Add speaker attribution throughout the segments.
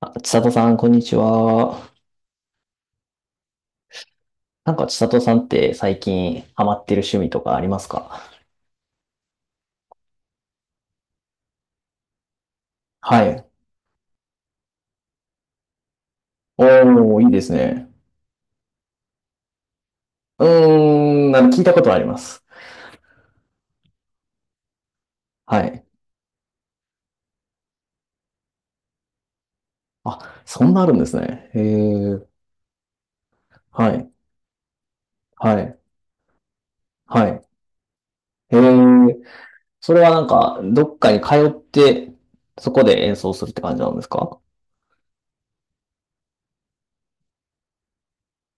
Speaker 1: あ、千里さん、こんにちは。なんか千里さんって最近ハマってる趣味とかありますか？はい。おー、いいですね。うーん、なんか聞いたことあります。はい。あ、そんなあるんですね。へえ。はい。はい。はい。へえ。それはなんか、どっかに通って、そこで演奏するって感じなんですか？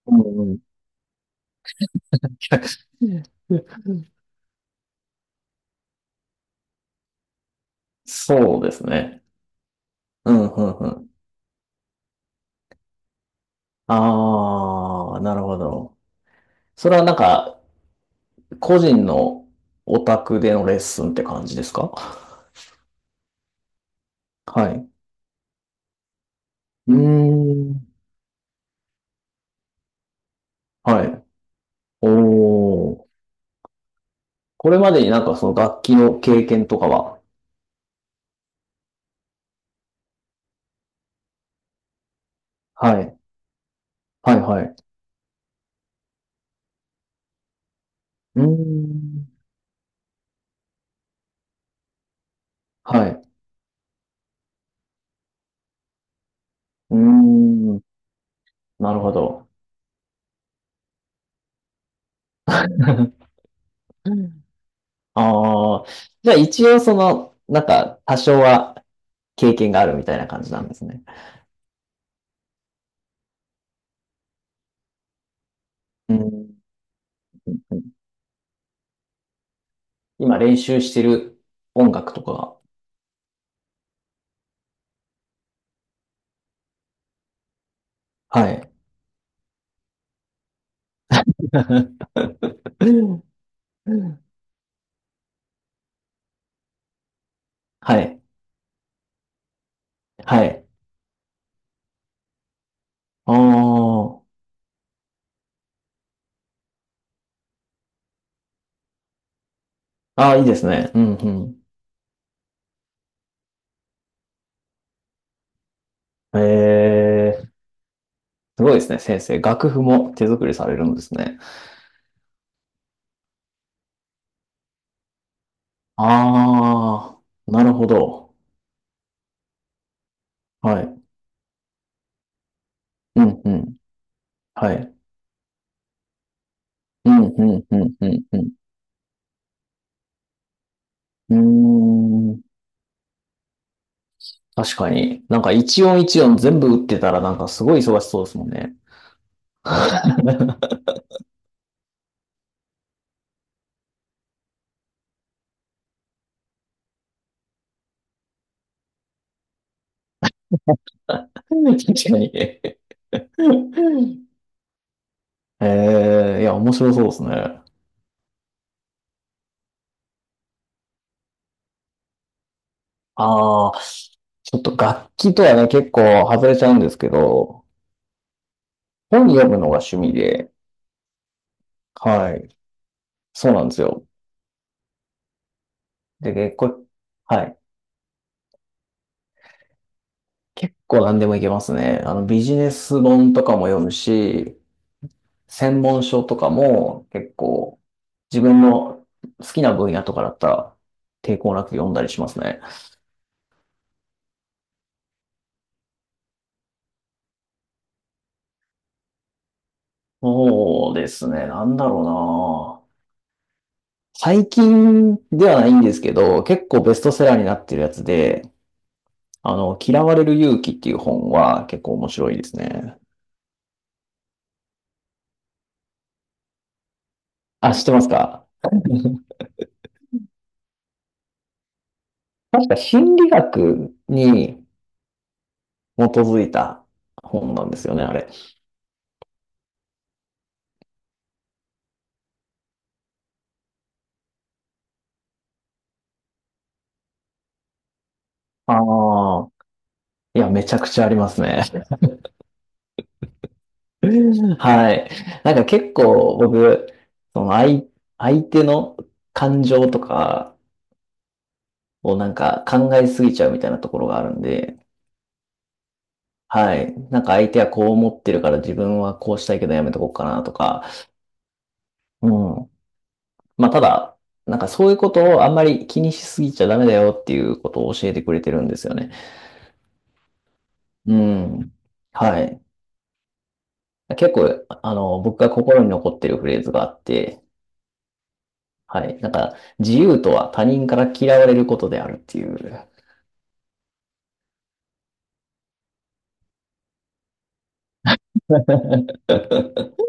Speaker 1: うんうん。そうですね。うん、うん、うん。あー、なるほど。それはなんか、個人のお宅でのレッスンって感じですか？はい。うーん。はい。おー。これまでになんかその楽器の経験とかは？はい。はいはい。うーん。はい。うーん。なるほど。あ あ。じゃあ一応その、なんか多少は経験があるみたいな感じなんですね。うん。今練習してる音楽とかが。はい。はい。はい。あーあー。あ、いいですね。うん、うん。えー、すごいですね、先生。楽譜も手作りされるんですね。ああ、なるほど。はい。うん、うん。はい。うん、うん、うん、うん、うん。うーん。確かに。なんか一音一音全部打ってたら、なんかすごい忙しそうですもんね。確かに。えー、いや、面白そうですね。ああ、ちょっと楽器とはね、結構外れちゃうんですけど、本読むのが趣味で、はい。そうなんですよ。で、結構、はい。結構何でもいけますね。ビジネス本とかも読むし、専門書とかも結構自分の好きな分野とかだったら抵抗なく読んだりしますね。そうですね。なんだろうな。最近ではないんですけど、結構ベストセラーになってるやつで、嫌われる勇気っていう本は結構面白いですね。あ、知ってますか？確か心理学に基づいた本なんですよね、あれ。ああ、いや、めちゃくちゃありますね。はい。なんか結構僕、その相、相手の感情とかをなんか考えすぎちゃうみたいなところがあるんで、はい。なんか相手はこう思ってるから自分はこうしたいけどやめとこうかなとか、うん。まあただ、なんかそういうことをあんまり気にしすぎちゃダメだよっていうことを教えてくれてるんですよね。うん。はい。結構、僕が心に残ってるフレーズがあって、はい。なんか、自由とは他人から嫌われることであるっていう。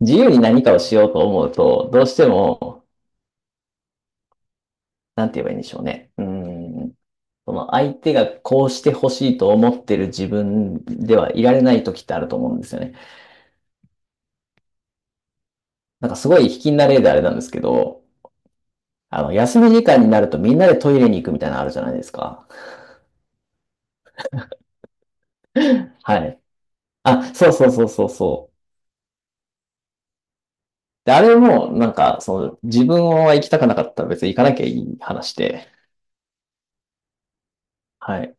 Speaker 1: 自由に何かをしようと思うと、どうしても、なんて言えばいいんでしょうね。うん。その相手がこうしてほしいと思ってる自分ではいられない時ってあると思うんですよね。なんかすごい卑近な例であれなんですけど、休み時間になるとみんなでトイレに行くみたいなのあるじゃないですか。はい。あ、そうそうそうそうそう。で、あれも、なんか、自分は行きたくなかったら別に行かなきゃいい話で、はい。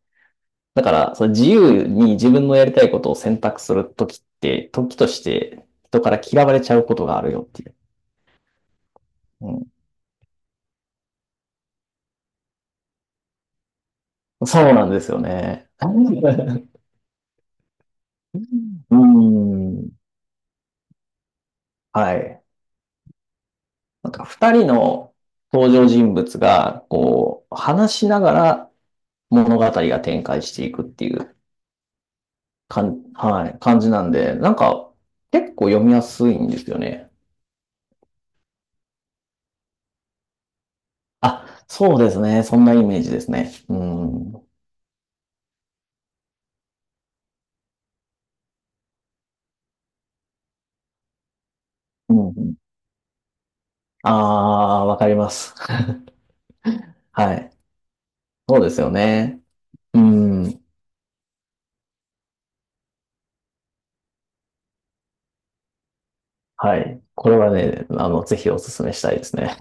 Speaker 1: だから、その自由に自分のやりたいことを選択するときって、時として人から嫌われちゃうことがあるよっていう。うん、そうなんですよね。うーん。はい。なんか、二人の登場人物が、こう、話しながら物語が展開していくっていうはい、感じなんで、なんか、結構読みやすいんですよね。あ、そうですね。そんなイメージですね。うん。うん、ああ、わかります。はい。そうですよね。うん。はい。これはね、ぜひお勧めしたいですね。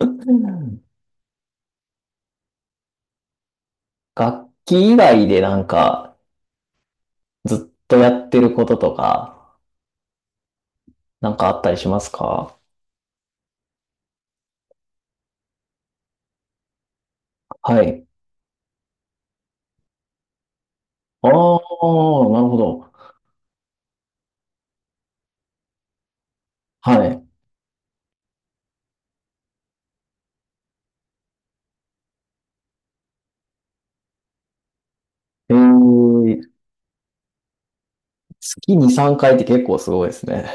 Speaker 1: うん。楽器以外でなんか、ずっとやってることとか、なんかあったりしますか？はい。ああ、なるほど。はい。えー、月2、3回って結構すごいですね。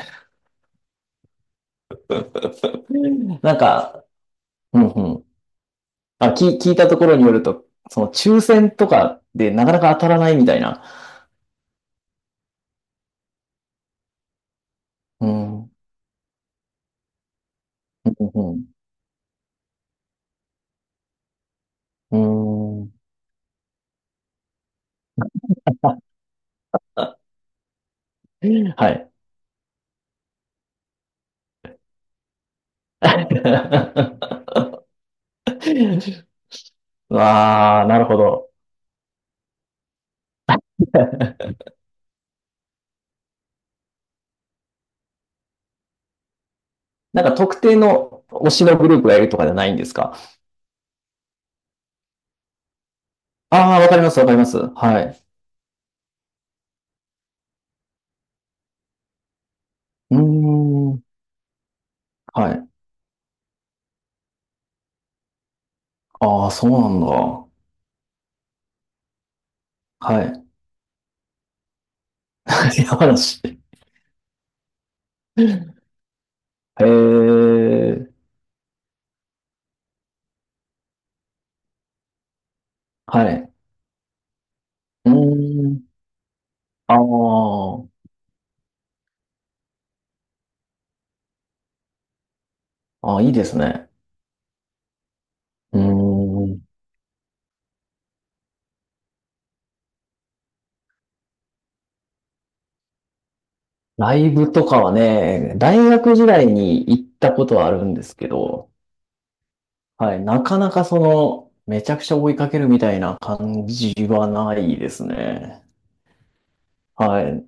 Speaker 1: なんか、うんうん。あ、聞いたところによると、その抽選とかでなかなか当たらないみたいな。うーん、うん、うん、うーん。あ、はい。わあ、なるほど。なんか特定の推しのグループがいるとかじゃないんですか？ああ、わかりますわかります。はい。うーん、はい。ああ、そうなんだ。はい。山梨。へえ、はい。うーん、ああ、ああ、いいですね。うーん。ライブとかはね、大学時代に行ったことはあるんですけど、はい、なかなかめちゃくちゃ追いかけるみたいな感じはないですね。はい。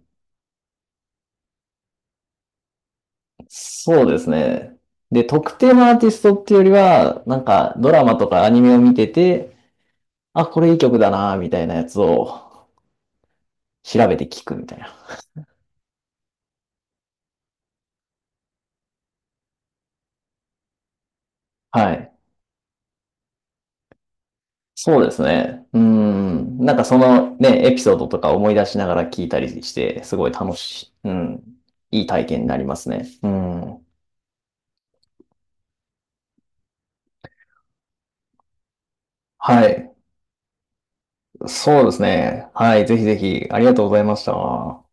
Speaker 1: そうですね。で、特定のアーティストっていうよりは、なんかドラマとかアニメを見てて、あ、これいい曲だな、みたいなやつを調べて聞くみたいな。はい。そうですね。うん。なんかそのね、エピソードとか思い出しながら聞いたりして、すごい楽しい、うん。いい体験になりますね。うん。はい。そうですね。はい。ぜひぜひ、ありがとうございました。